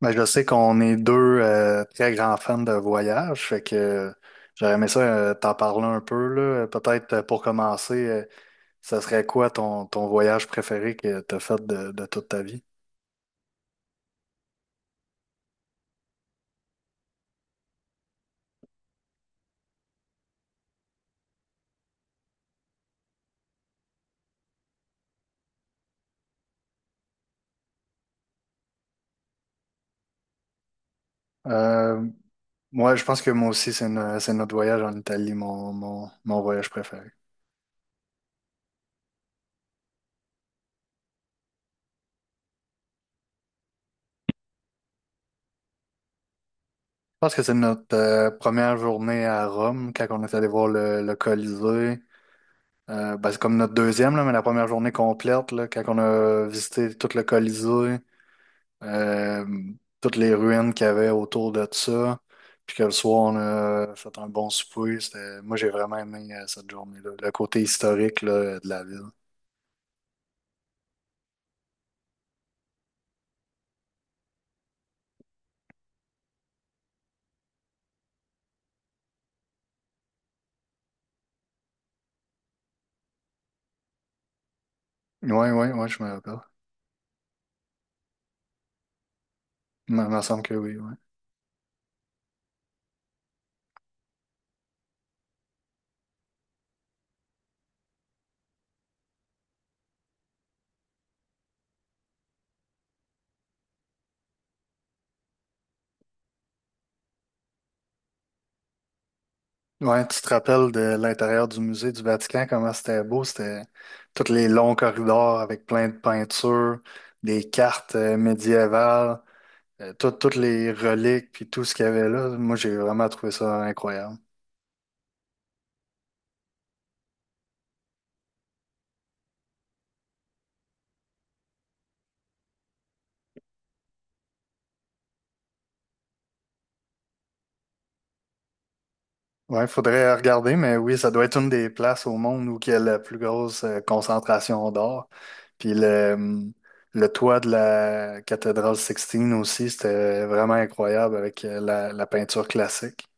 Ben, je sais qu'on est deux très grands fans de voyage, fait que j'aurais aimé ça t'en parler un peu, là. Peut-être pour commencer, ça serait quoi ton voyage préféré que t'as fait de toute ta vie? Euh, Moi, je pense que moi aussi, c'est no- c'est notre voyage en Italie, mon voyage préféré. Je pense que c'est notre première journée à Rome, quand on est allé voir le Colisée. Ben, c'est comme notre deuxième, là, mais la première journée complète, là, quand on a visité tout le Colisée. euh, Toutes les ruines qu'il y avait autour de ça. Puis que le soir, on a fait un bon souper. C'était- Moi, j'ai vraiment aimé cette journée-là. Le côté historique là, de la ville. Oui, oui, oui, je me rappelle. Il me semble que oui, oui. Ouais, tu te rappelles de l'intérieur du musée du Vatican, comment c'était beau? C'était tous les longs corridors avec plein de peintures, des cartes médiévales, toutes les reliques, puis tout ce qu'il y avait là. Moi, j'ai vraiment trouvé ça incroyable. Ouais, faudrait regarder, mais oui, ça doit être une des places au monde où il y a la plus grosse concentration d'or. Puis le toit de la cathédrale Sixtine aussi, c'était vraiment incroyable avec la peinture classique.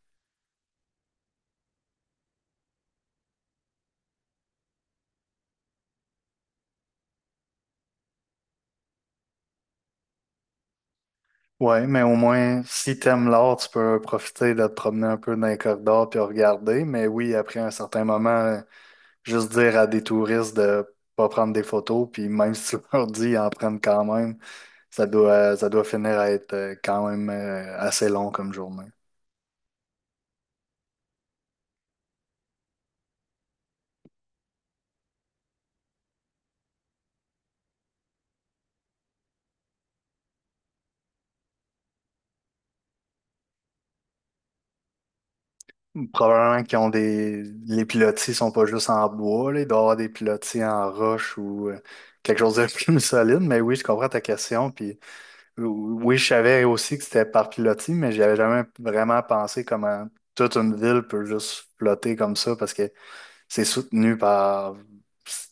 Ouais, mais au moins, si t'aimes l'art, tu peux profiter de te promener un peu dans les corridors puis regarder. Mais oui, après un certain moment, juste dire à des touristes de pas prendre des photos, puis même si tu leur dis, ils en prennent quand même, ça doit finir à être quand même assez long comme journée. Probablement qu'ils ont des… Les pilotis sont pas juste en bois, là. Il doit y avoir des pilotis en roche ou quelque chose de plus solide, mais oui, je comprends ta question, puis oui, je savais aussi que c'était par pilotis, mais j'avais jamais vraiment pensé comment toute une ville peut juste flotter comme ça, parce que c'est soutenu par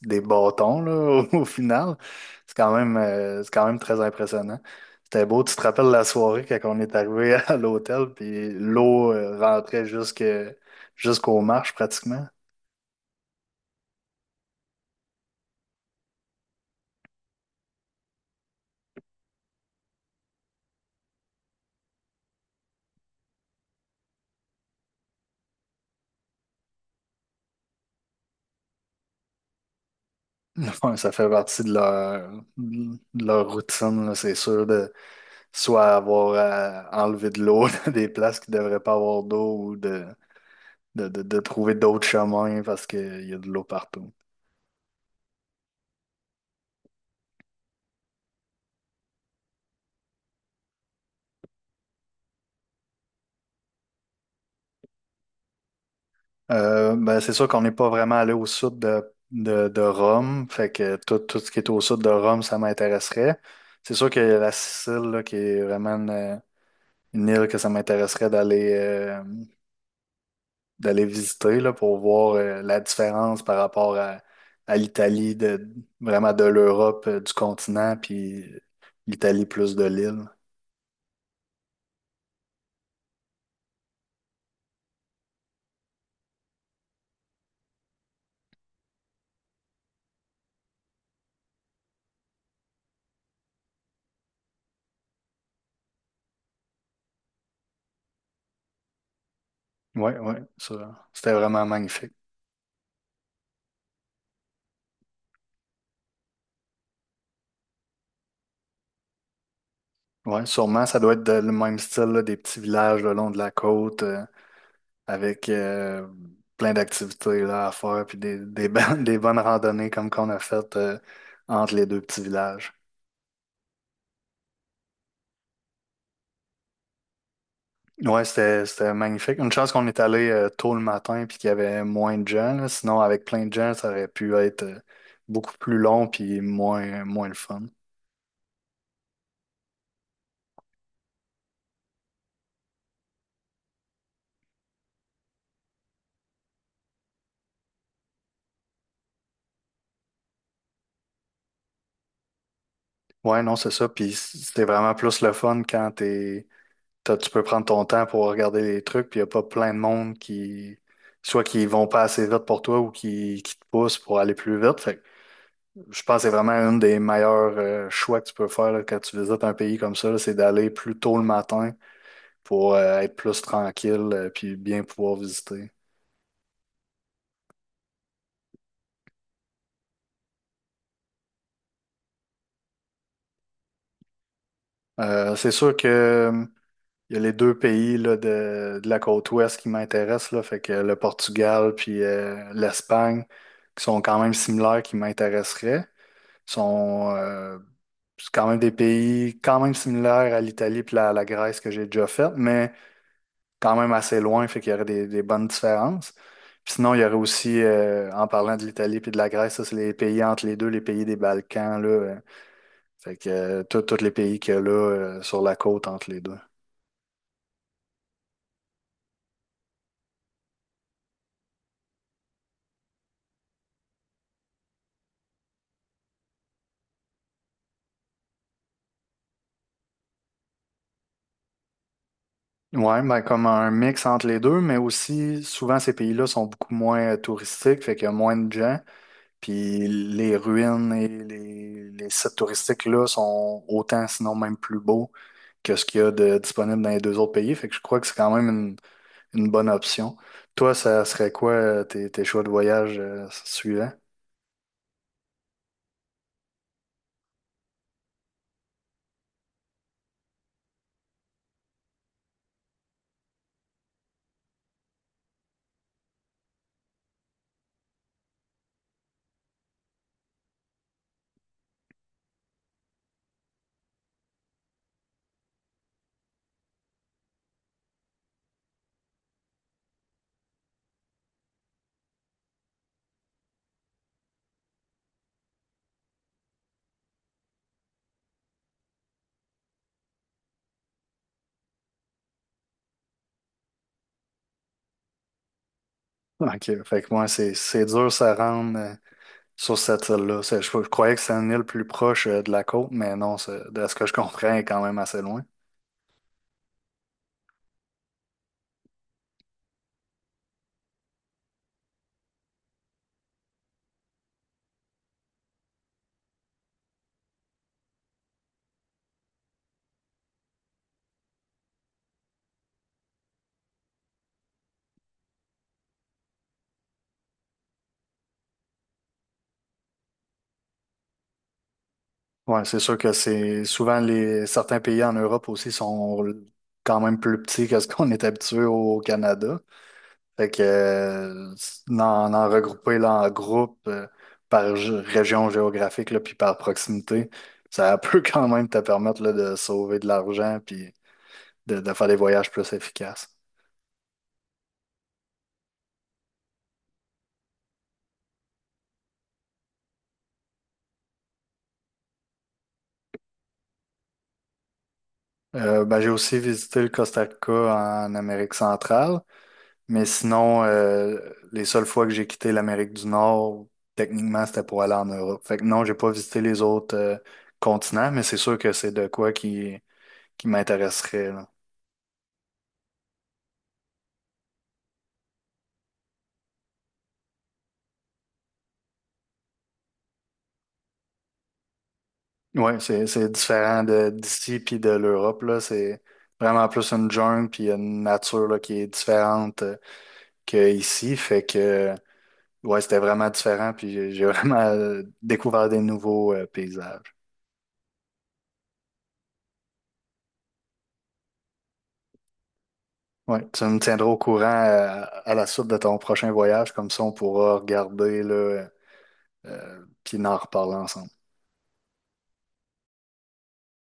des bâtons, là, au, au final. C'est quand même très impressionnant. C'était beau. Tu te rappelles la soirée quand on est arrivé à l'hôtel, puis l'eau rentrait jusque, jusqu'aux marches pratiquement. Ouais, ça fait partie de leur routine, là, c'est sûr, de soit avoir à enlever de l'eau dans des places qui ne devraient pas avoir d'eau ou de trouver d'autres chemins parce qu'il y a de l'eau partout. Ben, c'est sûr qu'on n'est pas vraiment allé au sud de Rome, fait que tout ce qui est au sud de Rome, ça m'intéresserait. C'est sûr que la Sicile, là, qui est vraiment une île que ça m'intéresserait d'aller d'aller visiter là, pour voir la différence par rapport à l'Italie, de, vraiment de l'Europe, du continent, puis l'Italie plus de l'île. Ouais, ouais, ça, c'était vraiment magnifique. Ouais, sûrement, ça doit être de- le même style, là, des petits villages le long de la côte. Avec plein d'activités là, à faire, puis des bonnes, des bonnes randonnées comme qu'on a faites entre les deux petits villages. Ouais, c'était, c'était magnifique. Une chance qu'on est allé tôt le matin puis qu'il y avait moins de gens, là. Sinon, avec plein de gens, ça aurait pu être beaucoup plus long puis moins le fun. Ouais, non, c'est ça. Puis c'était vraiment plus le fun quand t'as- tu peux prendre ton temps pour regarder les trucs, puis il n'y a pas plein de monde qui, soit qui vont pas assez vite pour toi ou qui te poussent pour aller plus vite. Fait que je pense que c'est vraiment un des meilleurs choix que tu peux faire là, quand tu visites un pays comme ça, là, c'est d'aller plus tôt le matin pour être plus tranquille puis bien pouvoir visiter. C'est sûr que il y a les deux pays là, de la côte ouest qui m'intéressent, là, fait que le Portugal puis l'Espagne, qui sont quand même similaires, qui m'intéresseraient, sont c'est quand même des pays quand même similaires à l'Italie puis la Grèce que j'ai déjà faite, mais quand même assez loin, fait qu'il y aurait des bonnes différences. Puis sinon, il y aurait aussi, en parlant de l'Italie puis de la Grèce, ça, c'est les pays entre les deux, les pays des Balkans, là, fait que tous les pays qu'il y a là, sur la côte entre les deux. Ouais, ben comme un mix entre les deux, mais aussi souvent ces pays-là sont beaucoup moins touristiques, fait qu'il y a moins de gens, puis les ruines et les sites touristiques-là sont autant, sinon même plus beaux que ce qu'il y a de disponible dans les deux autres pays, fait que je crois que c'est quand même une bonne option. Toi, ça serait quoi tes choix de voyage suivants? Ok, fait que moi, c'est dur ça rendre sur cette île-là. C'est- je croyais que c'était une île plus proche de la côte, mais non, c'est- de ce que je comprends, elle est quand même assez loin. Ouais, c'est sûr que c'est souvent les certains pays en Europe aussi sont quand même plus petits que ce qu'on est habitué au Canada. Fait que en, en regrouper là, en groupe par gé- région géographique là, puis par proximité, ça peut quand même te permettre là, de sauver de l'argent puis de faire des voyages plus efficaces. Ben, j'ai aussi visité le Costa Rica en Amérique centrale, mais sinon, les seules fois que j'ai quitté l'Amérique du Nord, techniquement, c'était pour aller en Europe. Fait que non, j'ai pas visité les autres continents, mais c'est sûr que c'est de quoi qui m'intéresserait, là. Ouais, c'est différent de d'ici puis de l'Europe, là. C'est vraiment plus une jungle puis une nature, là, qui est différente. Que ici. Fait que, ouais, c'était vraiment différent. Puis j'ai vraiment découvert des nouveaux paysages. Ouais, tu me tiendras au courant à la suite de ton prochain voyage. Comme ça, on pourra regarder, là, puis en reparler ensemble.